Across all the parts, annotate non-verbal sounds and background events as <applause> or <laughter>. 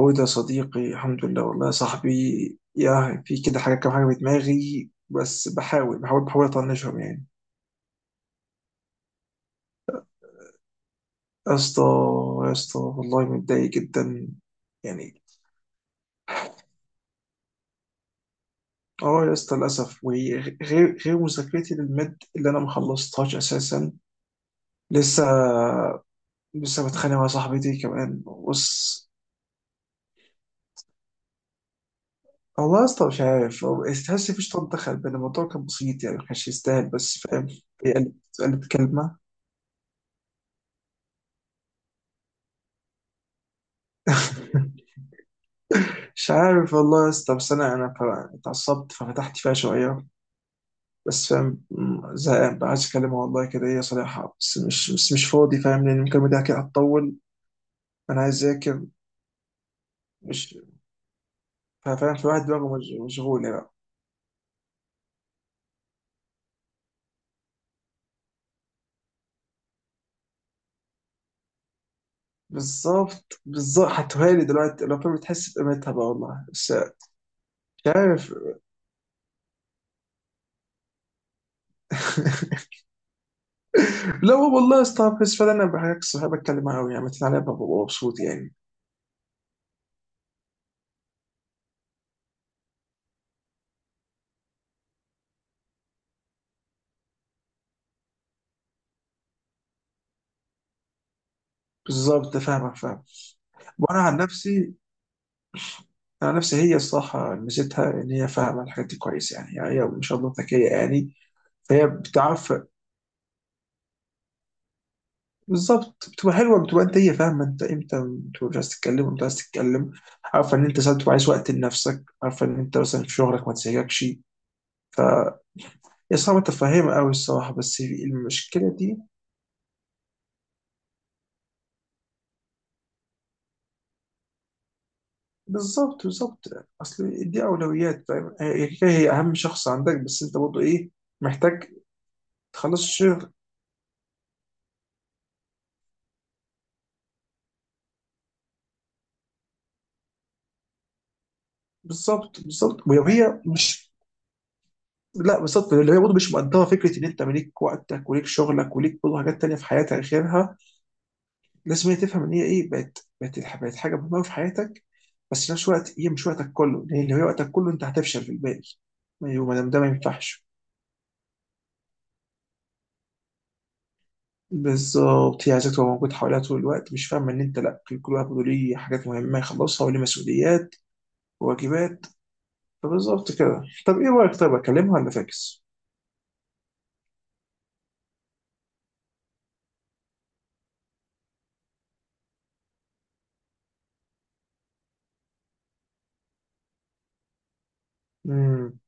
هو ده صديقي, الحمد لله. والله يا صاحبي, يا في كده حاجة, كام حاجة في دماغي, بس بحاول أطنشهم يعني. يا اسطى, يا اسطى, والله متضايق جدا يعني. اه يا اسطى, للأسف, وغير غير مذاكرتي للمد اللي أنا ما خلصتهاش أساسا, لسه. بتخانق مع صاحبتي كمان. بص, والله يا اسطى مش عارف, هو تحس مفيش طن دخل, بين الموضوع كان بسيط يعني, ما كانش يستاهل, بس فاهم. هي قالت كلمة. مش عارف والله يا اسطى, بس اتعصبت ففتحت فيها شويه. بس فاهم, زهقان بقى, عايز اكلمها والله كده, هي صريحه, بس مش فاضي فاهم, لان المكالمه دي كده هتطول. انا عايز اذاكر, مش فاهم, في واحد دماغه مشغوله بقى. بالظبط, بالظبط, هتهالي دلوقتي لو فاهم, بتحس بقيمتها بقى والله, بس. مش عارف. <laughs> لا, هو والله يا اسطى, بس فعلا انا بحكي صحابي, بتكلم معاهم يعني, مثلا انا ببقى مبسوط يعني. بالظبط, فاهمك فاهم. وانا عن نفسي, انا نفسي هي الصراحه ميزتها ان هي فاهمه الحاجات دي كويس يعني, هي ما شاء الله ذكيه يعني. فهي بتعرف. بالظبط, بتبقى حلوه, بتبقى انت, هي فاهمه انت امتى بتبقى مش عايز تتكلم وامتى عايز تتكلم. عارفه ان انت ساعات بتبقى عايز وقت لنفسك, عارفه ان انت مثلا في شغلك ما تسيبكش. هي صعبه تفهمها قوي الصراحه, بس المشكله دي. بالظبط, بالظبط, اصل دي اولويات فاهم, هي اهم شخص عندك, بس انت برضه ايه محتاج تخلص الشغل. بالظبط, بالظبط, ولو هي مش. لا بالظبط, اللي هي برضه مش مقدره فكره ان انت ليك وقتك وليك شغلك وليك برضه حاجات تانيه في حياتك غيرها. لازم هي تفهم ان هي ايه, بقت حاجه مهمه في حياتك. بس في نفس الوقت هي مش وقتك كله, لان لو هي وقتك كله انت هتفشل في الباقي. ايوه, ما دام ده ما ينفعش. بالظبط, هي عايزاك تبقى موجود حواليها طول الوقت, مش فاهمه ان انت لا, كل واحد برضه ليه حاجات مهمه يخلصها وليه مسؤوليات وواجبات. فبالظبط كده. طب ايه رايك, طيب اكلمها ولا فاكس؟ امم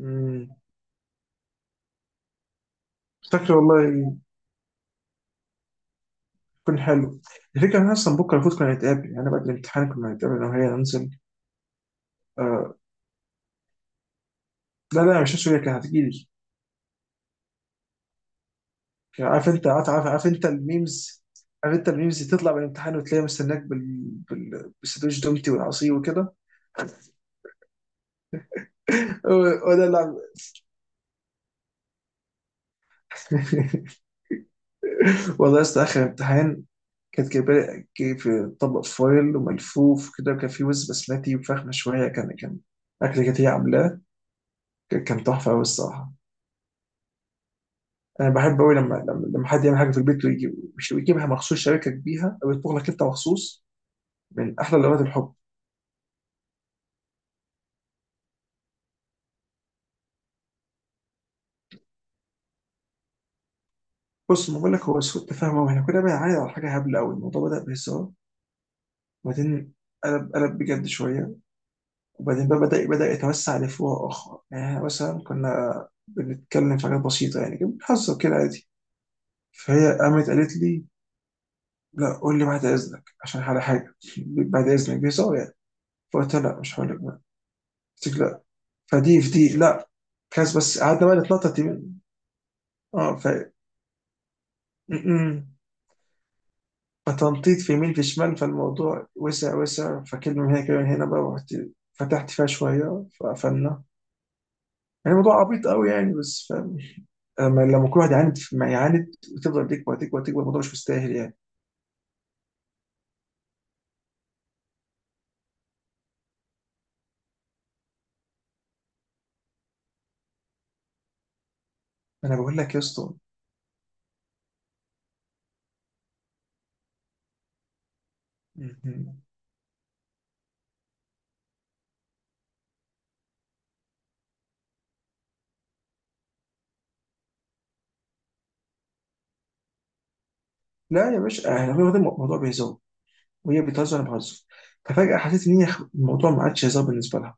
امم فاكر والله, كان حلو. الفكرة إن أنا أصلا بكرة المفروض كنا نتقابل, يعني أنا بعد الامتحان كنا نتقابل أنا وهي, ننزل. آه. لا, لا, مش هسوي, كانت هتجيلي. كان عارف أنت, عارف أنت الميمز اللي تطلع من الامتحان وتلاقيها مستناك بال... بالسندوتش دومتي والعصير وكده. <laughs> ولا لا. <laughs> والله يا اسطى, آخر امتحان كانت جايبة لي, جايب طبق فويل وملفوف وكده, وكان فيه وز بسمتي وفخمة شوية, كان أكل كانت هي عاملاه, كان تحفة أوي الصراحة. انا بحب قوي لما حد يعمل حاجه في البيت ويجي مش ويجيبها مخصوص, شاركك بيها او يطبخ لك انت مخصوص. من احلى لغات الحب. بص ما بقول لك, هو سوء تفاهم, واحنا كنا بنعاند على حاجه هبله قوي. الموضوع بدا بهزار, وبعدين قلب بجد شويه, وبعدين بقى بدا يتوسع لفروع اخرى. يعني إحنا مثلا كنا بنتكلم في حاجات بسيطه, يعني كنا بنهزر كده عادي. فهي قامت قالت لي: لا قول لي بعد اذنك عشان على حاجه, <laughs> بعد اذنك بهزار يعني. فقلت لها: لا مش هقول لك بقى. قالت لي: لا, فدي في دي لا كاس, بس قعدنا بقى نتنطط يمين. اه ف م-م. فتنطيط في يمين في شمال, فالموضوع وسع وسع, فكلمة من هنا كده, من هنا بقى, ورحت فتحت فيها شوية, فقفلنا. يعني الموضوع عبيط قوي يعني, بس فاهم, لما كل واحد يعاند ما يعاند وتفضل تكبر تكبر تكبر, الموضوع مش مستاهل يعني. انا بقول لك يا اسطى. م-م. لا يا باشا, احنا الموضوع بيهزر, وهي بتهزر, انا بهزر, ففجأة حسيت ان هي الموضوع ما عادش هزار بالنسبة لها.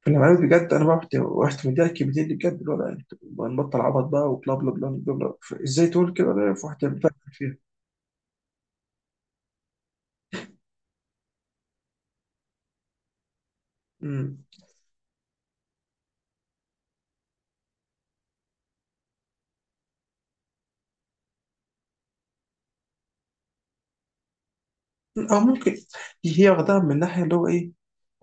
في الامارات بجد, انا بقى رحت مديها كبدين بجد, اللي هو لا انت, نبطل عبط بقى وبلا بلا بلا بلا بلا. ازاي تقول كده, ده في واحده بتعمل فيها. مم. او ممكن هي واخداها من الناحيه اللي هو ايه,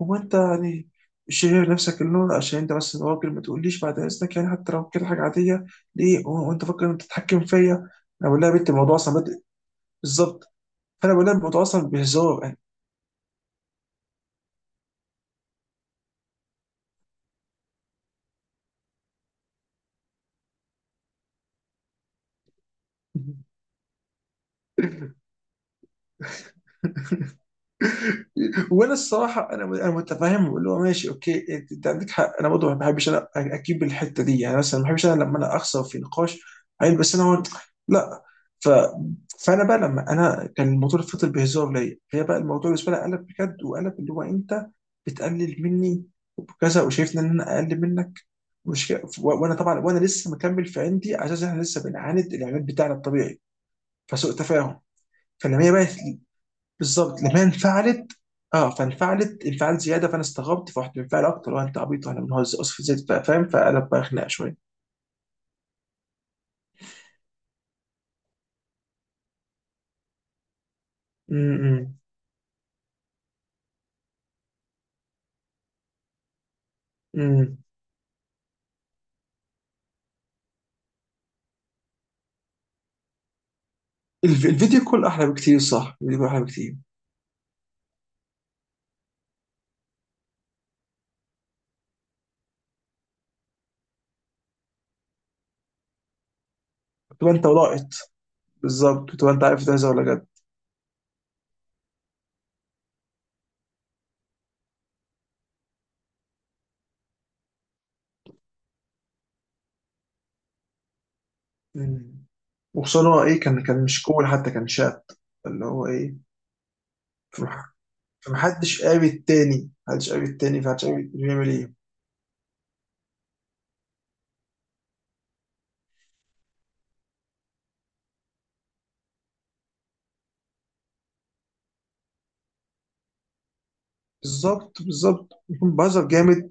هو انت يعني شايف نفسك اللي هو, عشان انت بس راجل ما تقوليش بعد اذنك يعني, حتى لو كده حاجه عاديه. ليه هو انت فاكر إن انت تتحكم فيا؟ انا بقول لها: يا بنت الموضوع اصلا بادئ بالظبط. فانا بقول لها: الموضوع اصلا بهزار يعني. <laughs> وانا الصراحه انا متفاهم اللي هو ماشي اوكي, انت عندك حق, انا برضه ما بحبش انا اجيب الحته دي يعني, مثلا ما بحبش انا لما انا اخسر في نقاش. عيل بس انا هون, لا. ف فانا بقى, لما انا كان الموضوع اللي فضل بهزار ليا, هي بقى الموضوع بالنسبه لي قلب بجد, وقلب اللي هو انت بتقلل مني, وكذا وشايفني ان انا اقل منك, مش كده. وانا طبعا, وانا لسه مكمل في عندي, على اساس احنا لسه بنعاند الاعلان بتاعنا الطبيعي, فسوء تفاهم. فلما هي بقت بالظبط لما هي انفعلت, اه فانفعلت انفعال زياده, فانا استغربت فرحت منفعل اكتر, لو انت عبيط واحنا بنهزر اسف زيت بقى فاهم, فقلب بقى خناقه شويه. امم امم الفيديو كول احلى بكتير, صح, الفيديو كول احلى بكتير. تبقى انت ولقط, بالظبط, تبقى انت عارف ده هزار ولا جد. مم. وخصوصا هو ايه, كان مش كول حتى كان شات, اللي هو ايه, فمح- فمحدش قاري التاني, محدش قاري التاني, فمحدش قاري بيعمل ايه. بالظبط, بالظبط, يكون بهزر جامد,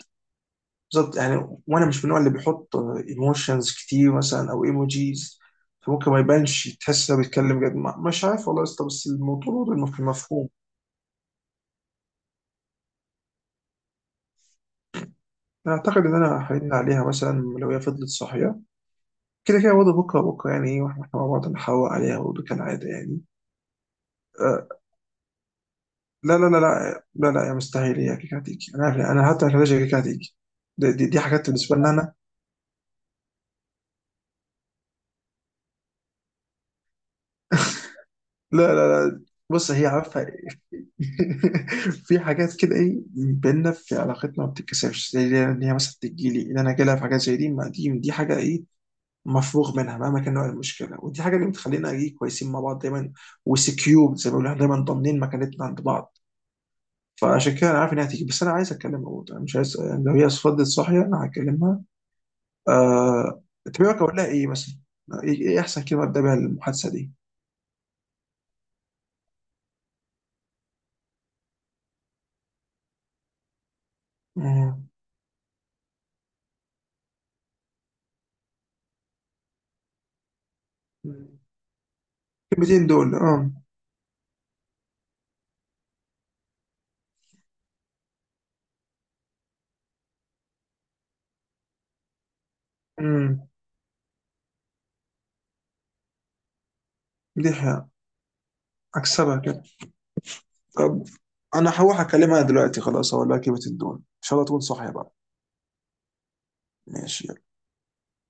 بالظبط يعني, وانا مش من النوع اللي بيحط ايموشنز كتير مثلا او ايموجيز. فممكن ما يبانش, تحس انه بيتكلم جد, مش عارف والله يا اسطى, بس الموضوع برضه مفهوم. انا اعتقد ان انا هرن عليها مثلا لو هي فضلت صاحيه كده, كده برضه بكره بكره, يعني ايه, واحنا مع بعض نحاور عليها برضه كالعاده يعني. آه, لا, لا, لا, لا, لا, لا يا مستحيل, هي كيكه هتيجي, انا عارف, انا حتى مش هتيجي كيكه هتيجي. دي حاجات بالنسبه لنا, انا. لا, لا, لا, بص هي عارفه. <laughs> في حاجات كده ايه بينا في علاقتنا ما بتتكسرش, زي ان هي مثلا تجيلي ان انا جالها في حاجات زي دي, ما دي حاجه ايه مفروغ منها, مهما كان نوع المشكله, ودي حاجه اللي بتخلينا ايه كويسين مع بعض دايما. وسكيور, زي ما بيقولوا, إحنا دايما ضامنين مكانتنا عند بعض. فعشان كده انا عارف انها هتيجي, بس انا عايز اتكلم برضه, انا مش عايز يعني, لو هي فضلت صاحيه انا هكلمها. انت رأيك اقول لها ايه مثلا؟ ايه احسن كلمه ابدا بيها المحادثه دي؟ مم. الكلمتين دول مم. دي حقيقة. اكسبها كده. طب انا هروح اكلمها دلوقتي خلاص, اقول لها كلمة الدول ان شاء الله تكون صاحية بقى. ماشي.